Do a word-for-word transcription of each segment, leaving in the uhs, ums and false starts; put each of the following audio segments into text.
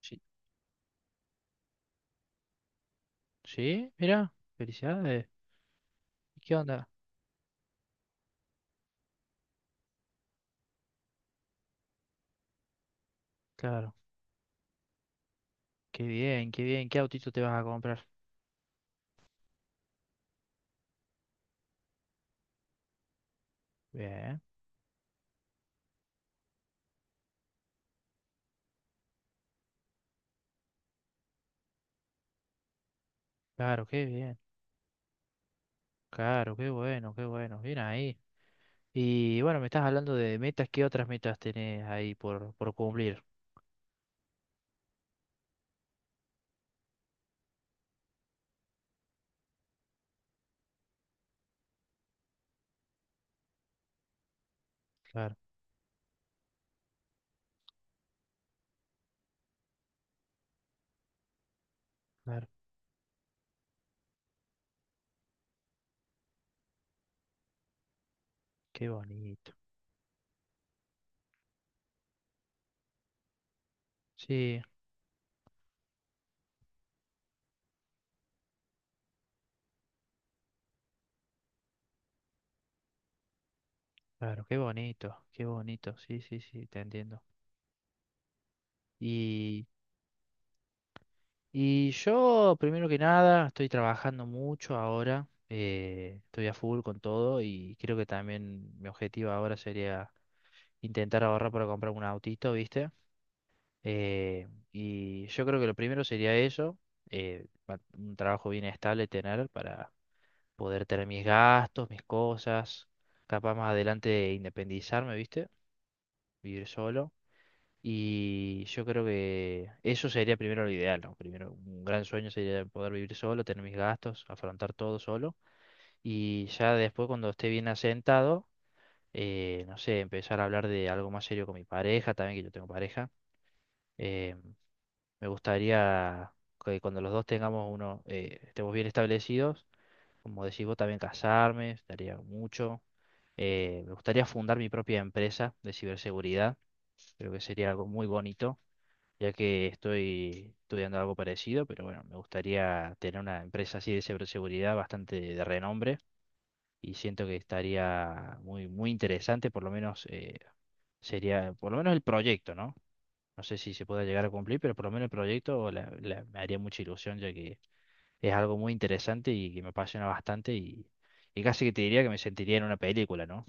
Sí, sí, mira, felicidades. ¿Y qué onda? Claro, qué bien, qué bien. ¿Qué autito te vas a comprar? Bien, claro, qué bien. Claro, qué bueno, qué bueno. Bien ahí. Y bueno, me estás hablando de metas. ¿Qué otras metas tenés ahí por, por cumplir? Claro, claro, qué bonito. Sí, claro, qué bonito, qué bonito. Sí, sí, sí, te entiendo. Y yo, primero que nada, estoy trabajando mucho ahora, eh, estoy a full con todo y creo que también mi objetivo ahora sería intentar ahorrar para comprar un autito, ¿viste? Eh, y yo creo que lo primero sería eso, eh, ma- un trabajo bien estable tener para poder tener mis gastos, mis cosas, capaz más adelante de independizarme, ¿viste? Vivir solo. Y yo creo que eso sería primero lo ideal, ¿no? Primero, un gran sueño sería poder vivir solo, tener mis gastos, afrontar todo solo. Y ya después, cuando esté bien asentado, eh, no sé, empezar a hablar de algo más serio con mi pareja, también que yo tengo pareja. Eh, Me gustaría que cuando los dos tengamos uno, eh, estemos bien establecidos, como decís vos, también casarme, estaría mucho. Eh, me gustaría fundar mi propia empresa de ciberseguridad, creo que sería algo muy bonito ya que estoy estudiando algo parecido, pero bueno, me gustaría tener una empresa así de ciberseguridad bastante de renombre y siento que estaría muy, muy interesante, por lo menos eh, sería, por lo menos el proyecto, ¿no? No sé si se pueda llegar a cumplir, pero por lo menos el proyecto la- la- me haría mucha ilusión, ya que es algo muy interesante y que me apasiona bastante y, y casi que te diría que me sentiría en una película, ¿no?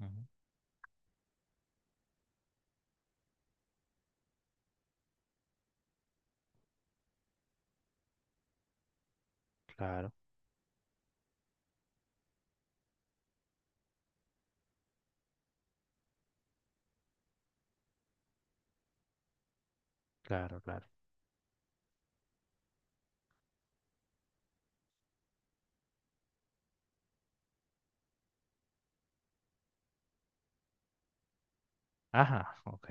Ujú. Claro, claro, claro. Ajá, ok.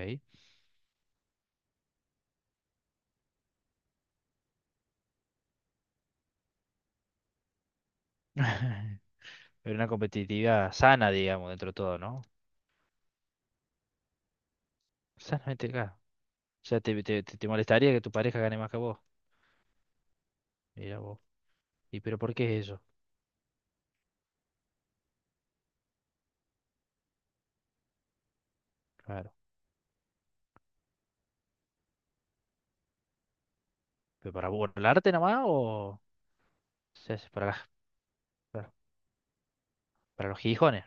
Pero una competitividad sana, digamos, dentro de todo, ¿no? Sanamente, claro. O sea, te, te, te- te molestaría que tu pareja gane más que vos. Mira vos. ¿Y pero por qué es eso? Claro. ¿Pero para burlarte nomás o se hace para, la- para, para los gijones?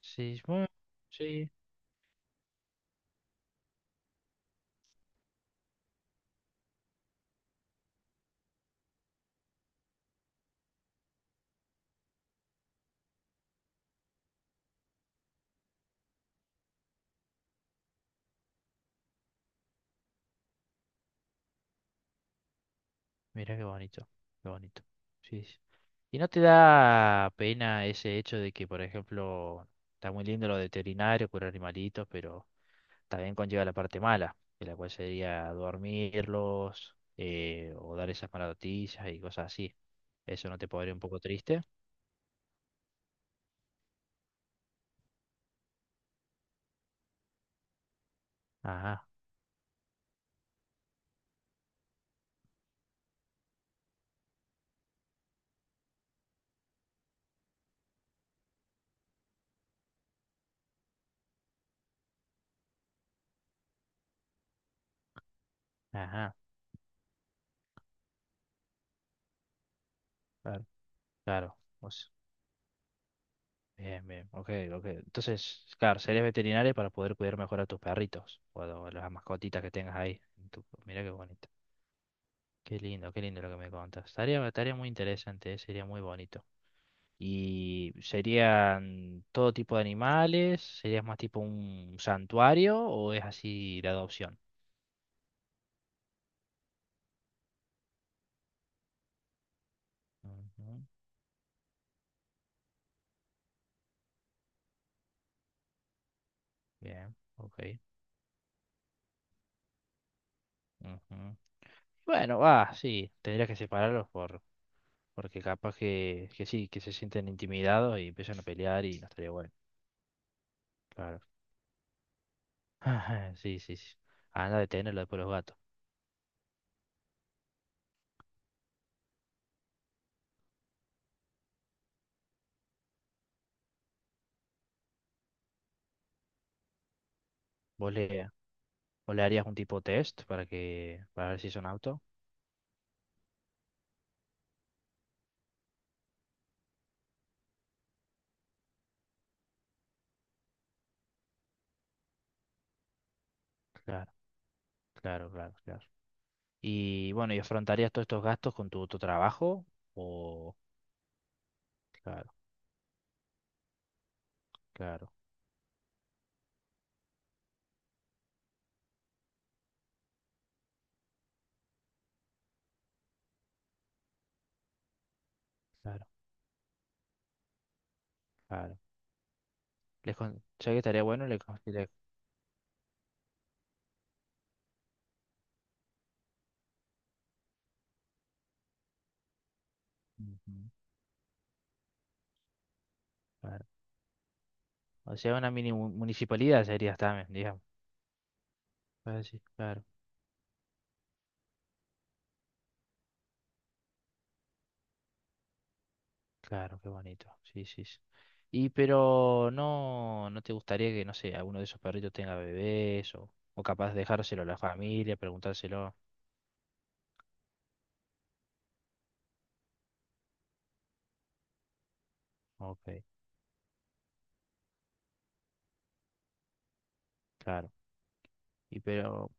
Sí, bueno, sí. Mira qué bonito, qué bonito. Sí, sí. ¿Y no te da pena ese hecho de que, por ejemplo, está muy lindo lo de veterinario, curar animalitos, pero también conlleva la parte mala, que la cual sería dormirlos eh, o dar esas malas noticias y cosas así? ¿Eso no te podría un poco triste? Ajá, ajá, claro, claro, pues, bien, bien, ok, ok. Entonces, claro, serías veterinaria para poder cuidar mejor a tus perritos o a las mascotitas que tengas ahí. en tu- Mira qué bonito. Qué lindo, qué lindo lo que me contas. Estaría, estaría muy interesante, eh, sería muy bonito. Y serían todo tipo de animales, sería más tipo un santuario o es así la adopción. Ujú. Bien, ok, ujú. Bueno, va, sí, tendrías que separarlos por, porque capaz que, que sí, que se sienten intimidados y empiezan a pelear y no estaría bueno. Claro. Sí, sí, sí. Anda a detenerlo después los gatos. ¿Vos le, vos le harías un tipo test para que, para ver si son auto? Claro, claro, claro, claro. Y bueno, ¿y afrontarías todos estos gastos con tu, tu trabajo? O, claro, claro, claro, claro. Les con- ya que estaría bueno, le, con- le- Ujú, claro. O sea, una mini mu- municipalidad sería también, digamos. Ah, sí, claro, claro, qué bonito. Sí, sí, sí. Y pero no, no te gustaría que, no sé, alguno de esos perritos tenga bebés o, o capaz dejárselo a la familia, preguntárselo. Ok, claro. Y pero,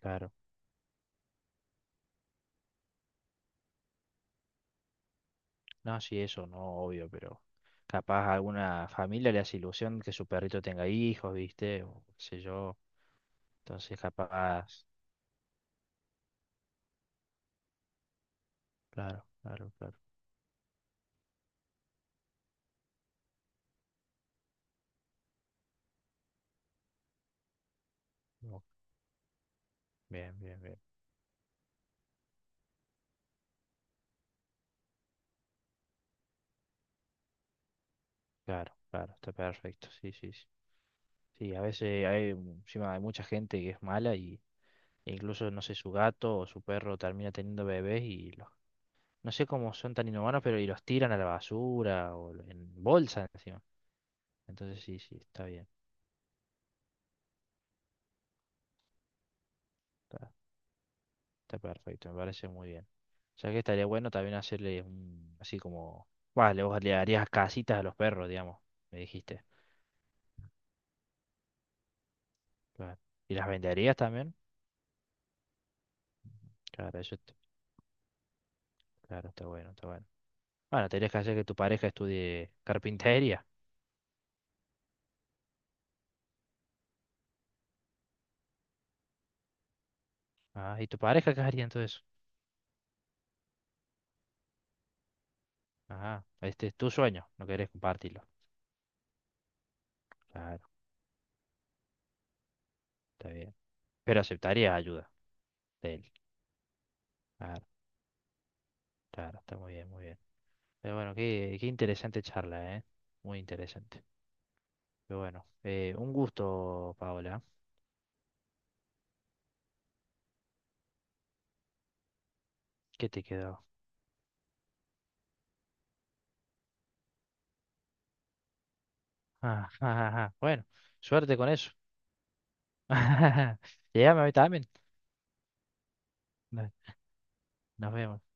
claro. No, sí, eso no, obvio, pero capaz a alguna familia le hace ilusión que su perrito tenga hijos, ¿viste? O qué sé yo. Entonces, capaz. Claro, claro, claro. No, bien, bien, bien. Claro, claro, está perfecto. Sí, sí, sí. Sí, a veces hay, encima hay mucha gente que es mala y e incluso, no sé, su gato o su perro termina teniendo bebés y los, no sé cómo son tan inhumanos, pero y los tiran a la basura o en bolsa encima. Entonces, sí, sí, está bien. Está- Está perfecto, me parece muy bien. O sea que estaría bueno también hacerle un, así como, vale, vos le harías casitas a los perros, digamos, me dijiste. Claro. ¿Y las venderías también? Claro, eso, est- claro, está bueno, está bueno. Bueno, tendrías que hacer que tu pareja estudie carpintería. Ah, ¿y tu pareja qué haría entonces? Ajá, este es tu sueño, no querés compartirlo. Claro, está bien. Pero aceptarías ayuda de él. Claro, claro, está muy bien, muy bien. Pero bueno, qué, qué interesante charla, ¿eh? Muy interesante. Pero bueno, eh, un gusto, Paola. ¿Qué te quedó? Ah, ah, ah, ah. Bueno, suerte con eso. Llegame a mí también. Nos Nos vemos.